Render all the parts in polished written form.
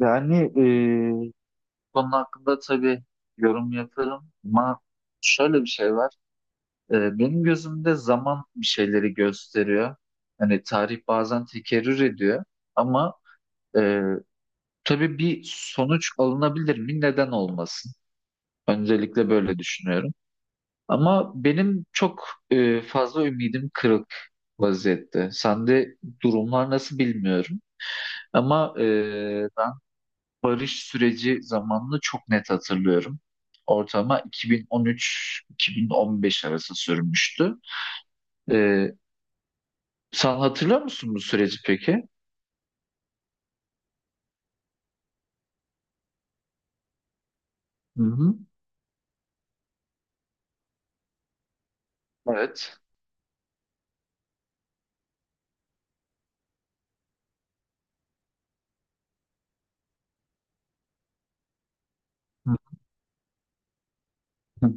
Yani bu konu hakkında tabii yorum yaparım ama şöyle bir şey var. Benim gözümde zaman bir şeyleri gösteriyor. Hani tarih bazen tekerrür ediyor ama e, tabii bir sonuç alınabilir mi? Neden olmasın? Öncelikle böyle düşünüyorum. Ama benim çok fazla ümidim kırık vaziyette. Sende durumlar nasıl bilmiyorum. Ama barış süreci zamanını çok net hatırlıyorum. Ortama 2013-2015 arası sürmüştü. Ee, sen hatırlıyor musun bu süreci peki? Hı hı. Evet. Hı hı.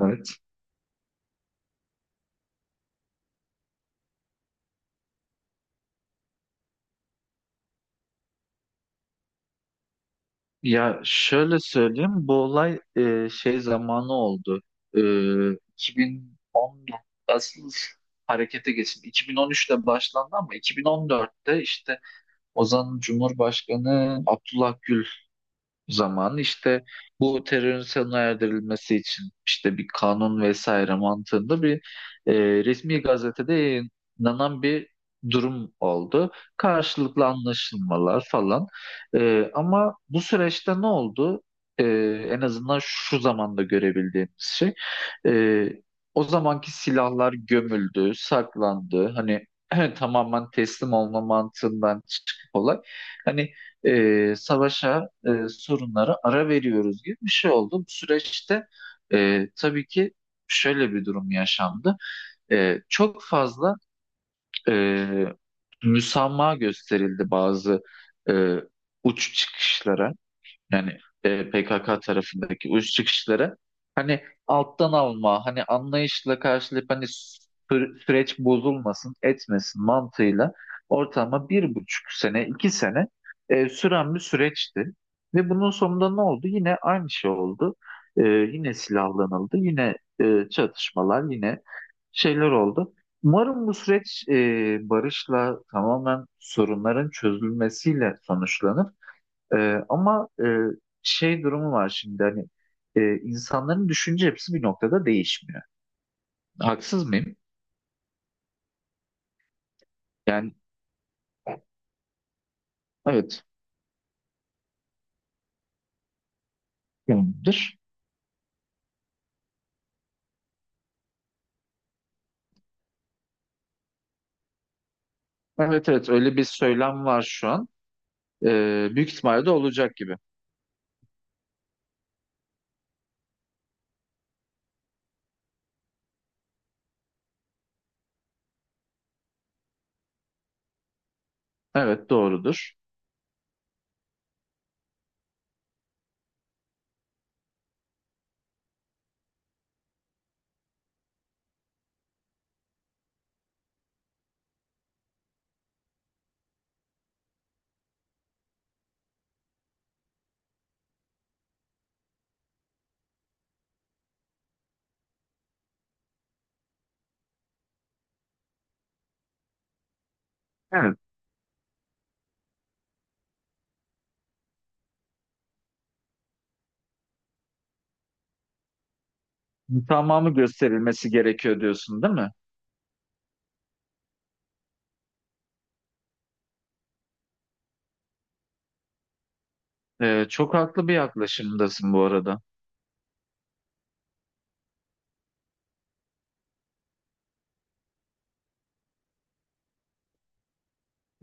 Evet. Ya şöyle söyleyeyim, bu olay şey zamanı oldu. E, 2014 asıl harekete geçildi. 2013'te başlandı ama 2014'te işte Ozan Cumhurbaşkanı Abdullah Gül zaman işte bu terörün sona erdirilmesi için işte bir kanun vesaire mantığında bir e, resmi gazetede yayınlanan bir durum oldu. Karşılıklı anlaşılmalar falan. Ama bu süreçte ne oldu? E, En azından şu zamanda görebildiğimiz şey. e, O zamanki silahlar gömüldü, saklandı. Hani tamamen teslim olma mantığından çıkıp olay. Hani savaşa, sorunlara ara veriyoruz gibi bir şey oldu. Bu süreçte tabii ki şöyle bir durum yaşandı. Çok fazla e, müsamaha gösterildi bazı e, uç çıkışlara. Yani PKK tarafındaki uç kişilere hani alttan alma, hani anlayışla karşılayıp hani süreç bozulmasın, etmesin mantığıyla ortalama 1,5 sene, 2 sene süren bir süreçti. Ve bunun sonunda ne oldu? Yine aynı şey oldu. Yine silahlanıldı, yine çatışmalar, yine şeyler oldu. Umarım bu süreç barışla tamamen sorunların çözülmesiyle sonuçlanır. Ama şey durumu var şimdi hani insanların düşünce yapısı bir noktada değişmiyor. Haksız mıyım? Yani evet. Tamamdır. Evet, evet, öyle bir söylem var şu an. Büyük ihtimalle de olacak gibi. Evet, doğrudur. Evet. Tamamı gösterilmesi gerekiyor diyorsun değil mi? Çok haklı bir yaklaşımdasın bu arada.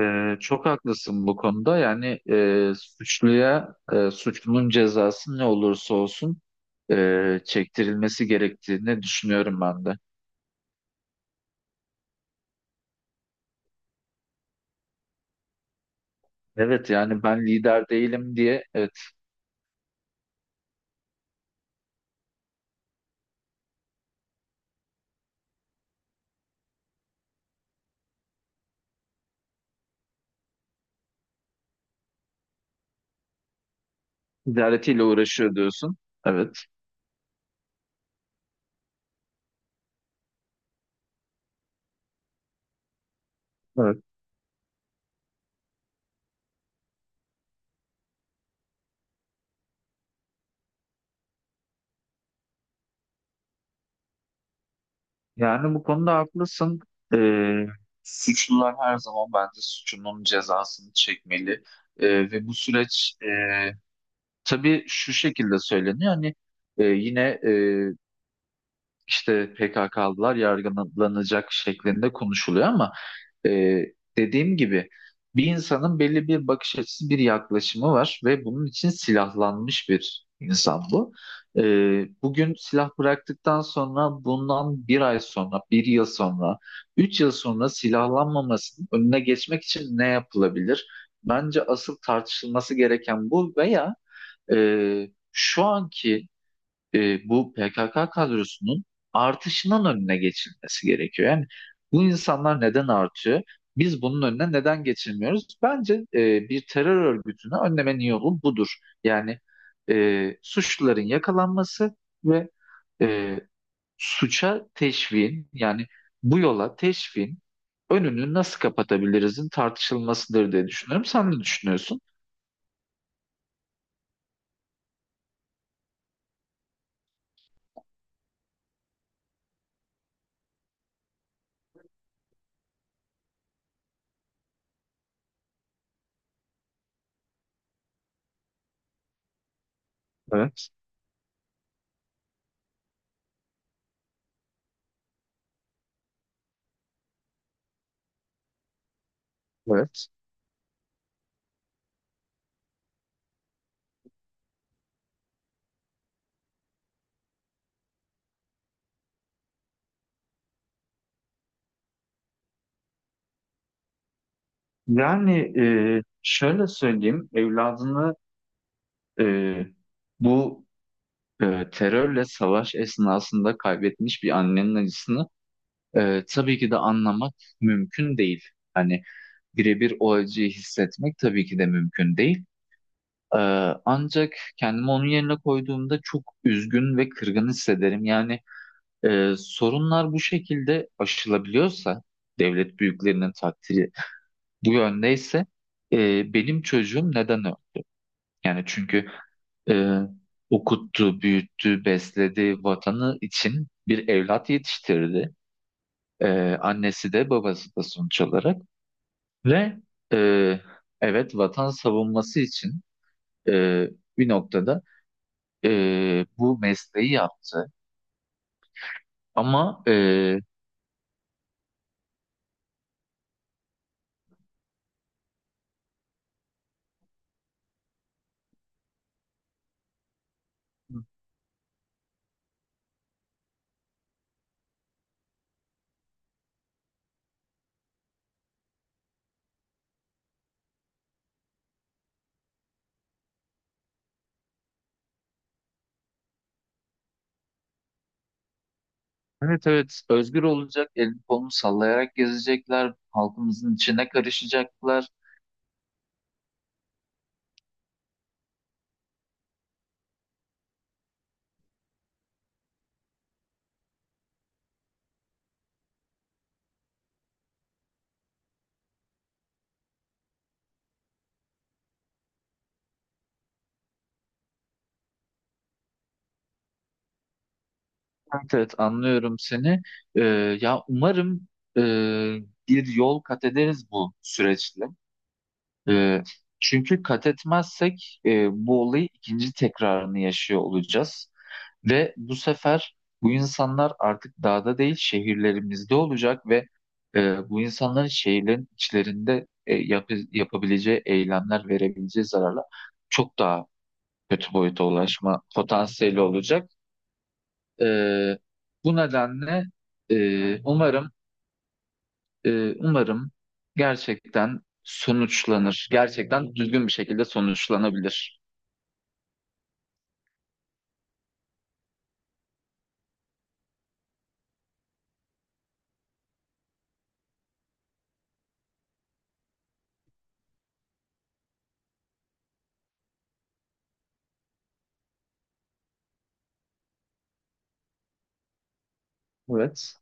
Çok haklısın bu konuda. Yani suçluya suçlunun cezası ne olursa olsun çektirilmesi gerektiğini düşünüyorum ben de. Evet, yani ben lider değilim diye evet idaretiyle uğraşıyor diyorsun. Evet. Evet. Yani bu konuda haklısın. Ee, suçlular her zaman bence suçunun cezasını çekmeli. Ve bu süreç tabii şu şekilde söyleniyor. Hani yine işte PKK'lılar yargılanacak şeklinde konuşuluyor ama e, dediğim gibi bir insanın belli bir bakış açısı, bir yaklaşımı var ve bunun için silahlanmış bir insan bu. E, Bugün silah bıraktıktan sonra bundan bir ay sonra, bir yıl sonra, 3 yıl sonra silahlanmamasının önüne geçmek için ne yapılabilir? Bence asıl tartışılması gereken bu veya e, şu anki bu PKK kadrosunun artışının önüne geçilmesi gerekiyor. Yani bu insanlar neden artıyor? Biz bunun önüne neden geçilmiyoruz? Bence bir terör örgütünü önlemenin yolu budur. Yani suçluların yakalanması ve e, suça teşviğin yani bu yola teşviğin önünü nasıl kapatabilirizin tartışılmasıdır diye düşünüyorum. Sen ne düşünüyorsun? Evet, evet. Yani şöyle söyleyeyim, evladını Ee, bu terörle savaş esnasında kaybetmiş bir annenin acısını tabii ki de anlamak mümkün değil. Hani birebir o acıyı hissetmek tabii ki de mümkün değil. Ee, ancak kendimi onun yerine koyduğumda çok üzgün ve kırgın hissederim. Yani sorunlar bu şekilde aşılabiliyorsa, devlet büyüklerinin takdiri bu yöndeyse, benim çocuğum neden öyle? Yani çünkü e, okuttu, büyüttü, besledi vatanı için bir evlat yetiştirdi. Annesi de babası da sonuç olarak. Ve e, evet vatan savunması için e, bir noktada bu mesleği yaptı. Ama e, Evet, evet, özgür olacak, elini kolunu sallayarak gezecekler, halkımızın içine karışacaklar. Evet, evet, anlıyorum seni. Ee, ya umarım e, bir yol kat ederiz bu süreçle. Ee, çünkü kat etmezsek bu olayı ikinci tekrarını yaşıyor olacağız. Ve bu sefer bu insanlar artık dağda değil şehirlerimizde olacak ve bu insanların şehirlerin içlerinde yapabileceği eylemler verebileceği zararlar çok daha kötü boyuta ulaşma potansiyeli olacak. Ee, bu nedenle e, umarım umarım gerçekten sonuçlanır. Gerçekten düzgün bir şekilde sonuçlanabilir. Evet.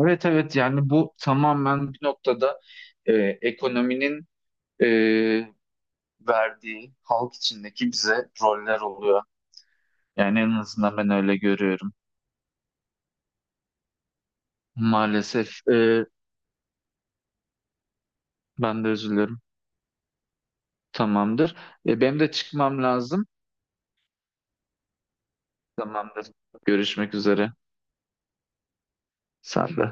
Evet, evet, yani bu tamamen bir noktada e, ekonominin e, verdiği halk içindeki bize roller oluyor. Yani en azından ben öyle görüyorum. Maalesef ben de üzülüyorum. Tamamdır. Benim de çıkmam lazım. Tamamdır. Görüşmek üzere. Sen de.